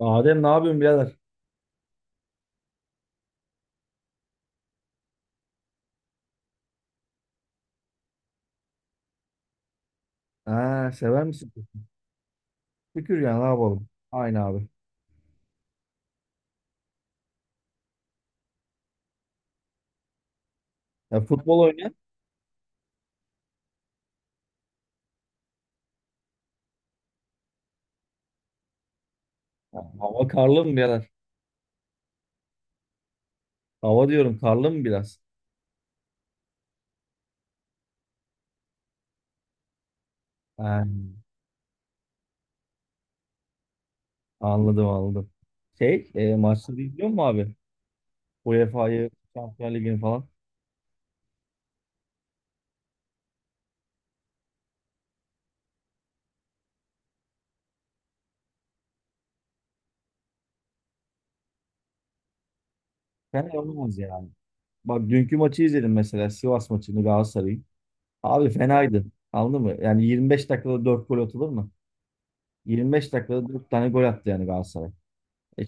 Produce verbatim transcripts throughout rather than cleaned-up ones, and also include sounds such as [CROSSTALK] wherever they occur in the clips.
Adem ne yapıyorsun birader? Ha, sever misin? Şükür ya ne yapalım? Aynı abi. Ya futbol oynayan. Ha, hava karlı mı birader? Hava diyorum karlı mı biraz? Ha, anladım anladım. Şey e, maçları izliyor mu abi? U E F A'yı, Şampiyonlar Ligi'ni falan. Fena olmaz yani. Bak dünkü maçı izledim mesela Sivas maçını Galatasaray'ın. Abi fenaydı. Anladın mı? Yani yirmi beş dakikada dört gol atılır mı? yirmi beş dakikada dört tane gol attı yani Galatasaray. E,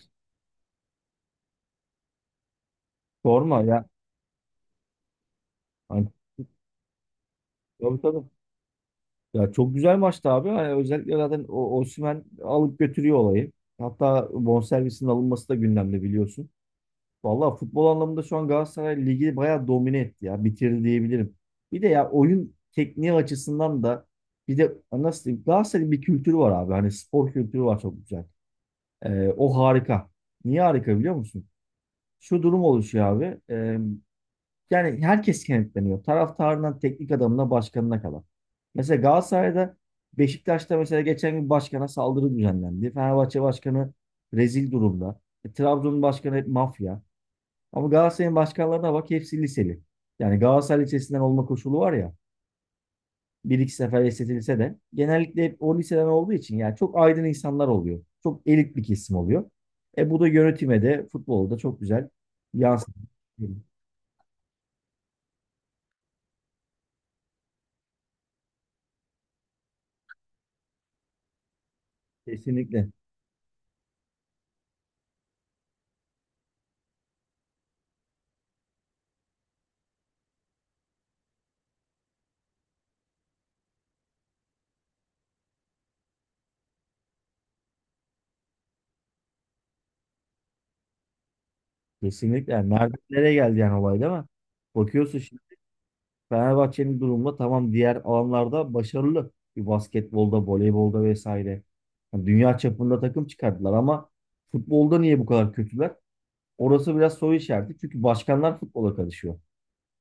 Sorma ya. Hani, tabii tabii. Ya çok güzel maçtı abi. Hani özellikle zaten o Osimhen alıp götürüyor olayı. Hatta bonservisinin alınması da gündemde biliyorsun. Vallahi futbol anlamında şu an Galatasaray ligi bayağı domine etti ya. Bitirdi diyebilirim. Bir de ya oyun tekniği açısından da bir de nasıl diyeyim Galatasaray'ın bir kültürü var abi. Hani spor kültürü var çok güzel. Ee, o harika. Niye harika biliyor musun? Şu durum oluşuyor abi. Ee, yani herkes kenetleniyor. Taraftarından teknik adamına, başkanına kadar. Mesela Galatasaray'da Beşiktaş'ta mesela geçen gün başkana saldırı düzenlendi. Fenerbahçe başkanı rezil durumda. E, Trabzon'un başkanı hep mafya. Ama Galatasaray'ın başkanlarına bak hepsi liseli. Yani Galatasaray lisesinden olma koşulu var ya. Bir iki sefer esnetilse de genellikle hep o liseden olduğu için yani çok aydın insanlar oluyor. Çok elit bir kesim oluyor. E bu da yönetime de futbolda çok güzel yansıyor. Kesinlikle. Kesinlikle. Yani nereden nereye geldi yani olay değil mi? Bakıyorsun şimdi Fenerbahçe'nin durumunda tamam diğer alanlarda başarılı. Bir basketbolda, voleybolda vesaire. Yani dünya çapında takım çıkardılar ama futbolda niye bu kadar kötüler? Orası biraz soru işareti. Çünkü başkanlar futbola karışıyor.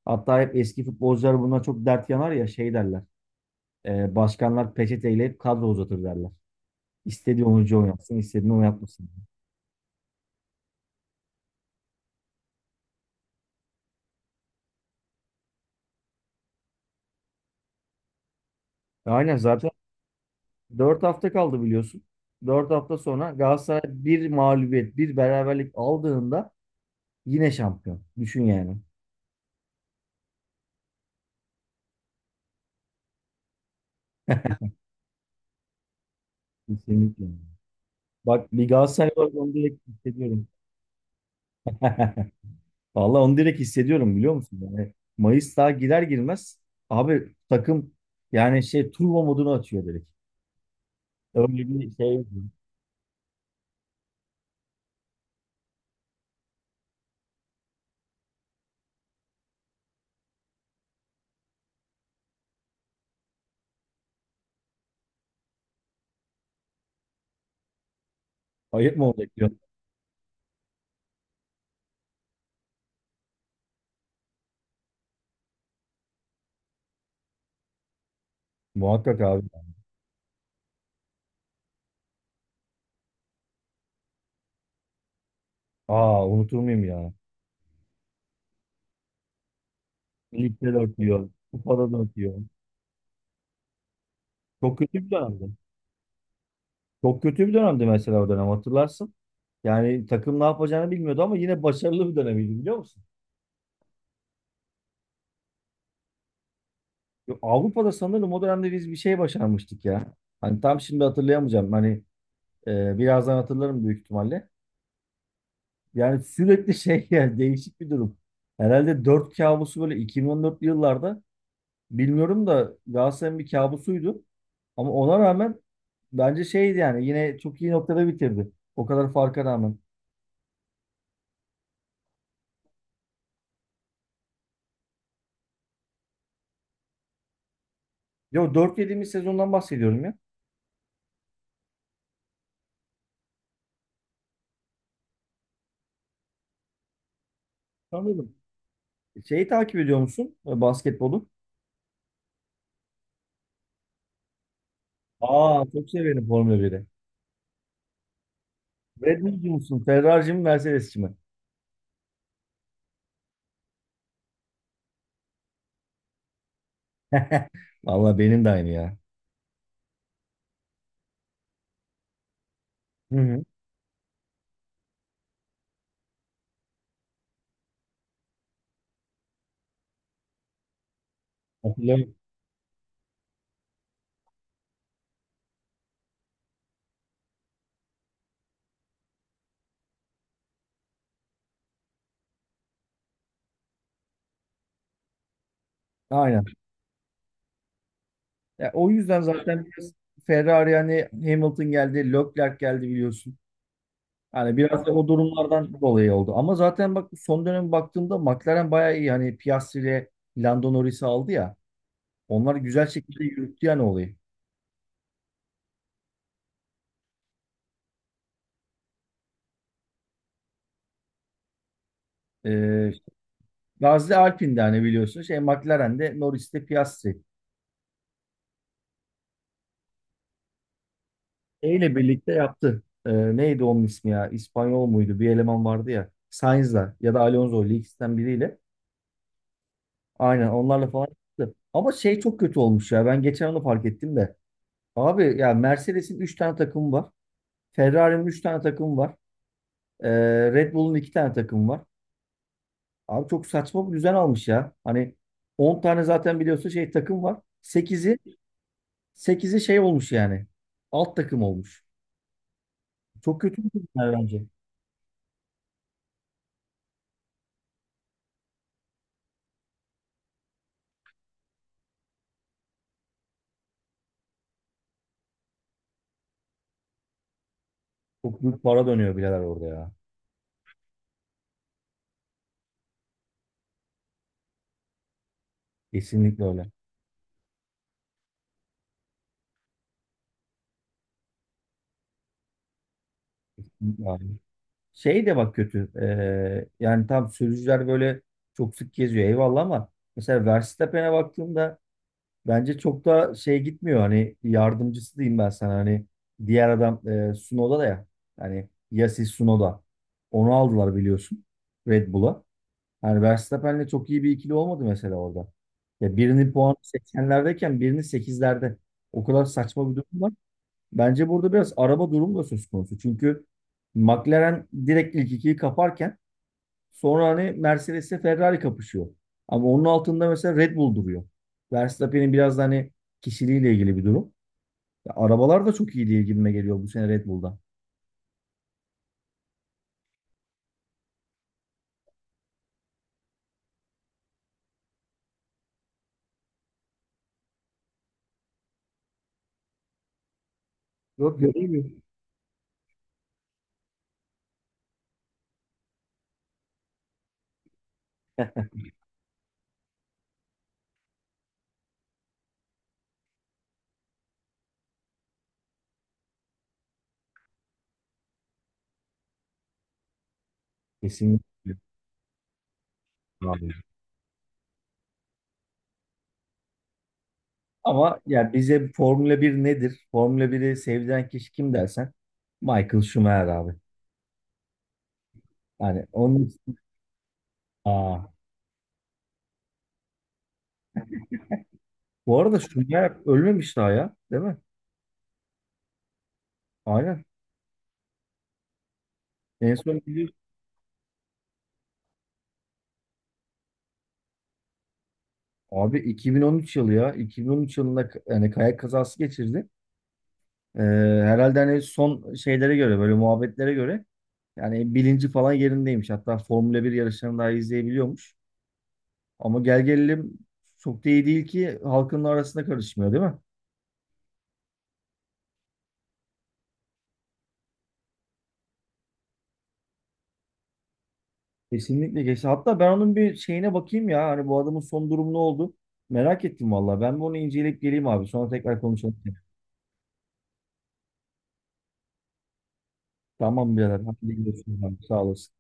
Hatta hep eski futbolcular bundan çok dert yanar ya şey derler. E, başkanlar peçeteyle hep kadro uzatır derler. İstediği oyuncu oynatsın, istediğini oynatmasın. E, Aynen zaten. Dört hafta kaldı biliyorsun. Dört hafta sonra Galatasaray bir mağlubiyet, bir beraberlik aldığında yine şampiyon. Düşün yani. Kesinlikle. Bak bir Galatasaray olarak onu direkt hissediyorum. [LAUGHS] Vallahi onu direkt hissediyorum biliyor musun? Yani Mayıs daha girer girmez abi takım yani şey turbo modunu atıyor direkt. Öyle bir şey ayıp mı olacak diyor. Muhakkak abi. Aa unutur muyum ya? Ligde de atıyor. Kupada da atıyor. Çok kötü bir dönemdi. Çok kötü bir dönemdi mesela o dönem hatırlarsın. Yani takım ne yapacağını bilmiyordu ama yine başarılı bir dönemiydi biliyor musun? Yo, Avrupa'da sanırım o dönemde biz bir şey başarmıştık ya. Hani tam şimdi hatırlayamayacağım. Hani e, birazdan hatırlarım büyük ihtimalle. Yani sürekli şey [LAUGHS] yani değişik bir durum. Herhalde dört kabusu böyle iki bin on dörtlü yıllarda bilmiyorum da Galatasaray'ın bir kabusuydu. Ama ona rağmen bence şeydi yani yine çok iyi noktada bitirdi. O kadar farka rağmen. Yo dört yediğimiz sezondan bahsediyorum ya. Sanırım. Şeyi takip ediyor musun? E, Basketbolu. Aa çok severim Formula biri. Red Bull'cu musun? Ferrari'ci mi? Mercedes'ci mi? [LAUGHS] Valla benim de aynı ya. Hı hı. Hatırlıyorum. Aynen. Ya, o yüzden zaten biraz Ferrari hani Hamilton geldi, Leclerc geldi biliyorsun. Hani biraz da o durumlardan dolayı oldu. Ama zaten bak son dönem baktığımda McLaren bayağı iyi. Hani Piastri ile Lando Norris'i aldı ya. Onlar güzel şekilde yürüttü yani olayı. Ee, Gazze Alpine'de hani biliyorsun. Şey McLaren'de Norris'te Piastri. E ile birlikte yaptı. Ee, neydi onun ismi ya? İspanyol muydu? Bir eleman vardı ya. Sainz'la ya da Alonso ile ikisinden biriyle. Aynen onlarla falan yaptı. Ama şey çok kötü olmuş ya. Ben geçen onu fark ettim de. Abi ya Mercedes'in üç tane takımı var. Ferrari'nin üç tane takımı var. Ee, Red Bull'un iki tane takımı var. Abi çok saçma bir düzen almış ya. Hani on tane zaten biliyorsun şey takım var. Sekizi sekizi şey olmuş yani. Alt takım olmuş. Çok kötü bir düzen bence. Çok büyük para dönüyor birader orada ya. Kesinlikle öyle. Kesinlikle. Şey de bak kötü. Ee, yani tam sürücüler böyle çok sık geziyor eyvallah ama mesela Verstappen'e baktığımda bence çok da şey gitmiyor. Hani yardımcısı diyeyim ben sana. Hani diğer adam e, Tsunoda da ya. Hani Yasis Tsunoda. Onu aldılar biliyorsun. Red Bull'a. Hani Verstappen'le çok iyi bir ikili olmadı mesela orada. Ya birinin puanı seksenlerdeyken birinin sekizlerde. O kadar saçma bir durum var. Bence burada biraz araba durumu da söz konusu. Çünkü McLaren direkt ilk ikiyi kaparken sonra hani Mercedes'le Ferrari kapışıyor. Ama onun altında mesela Red Bull duruyor. Verstappen'in biraz da hani kişiliğiyle ilgili bir durum. Ya arabalar da çok iyi diye gibime geliyor bu sene Red Bull'da. Yok ya iyi mi? Kesinlikle. Abi. Ama yani bize Formula bir nedir? Formula biri sevdiren kişi kim dersen Michael Schumacher abi. Yani onun. Aa. Bu arada Schumacher ölmemiş daha ya, değil mi? Aynen. En son biliyorsun abi iki bin on üç yılı ya. iki bin on üç yılında k- yani kayak kazası geçirdi. Ee, Herhalde hani son şeylere göre böyle muhabbetlere göre yani bilinci falan yerindeymiş. Hatta Formula bir yarışlarını daha izleyebiliyormuş. Ama gel gelelim çok da iyi değil ki halkın arasında karışmıyor değil mi? Kesinlikle geçti. Hatta ben onun bir şeyine bakayım ya. Hani bu adamın son durumu ne oldu? Merak ettim vallahi. Ben bir onu inceleyip geleyim abi. Sonra tekrar konuşalım. Tamam birader. Hadi görüşürüz abi. Sağ olasın.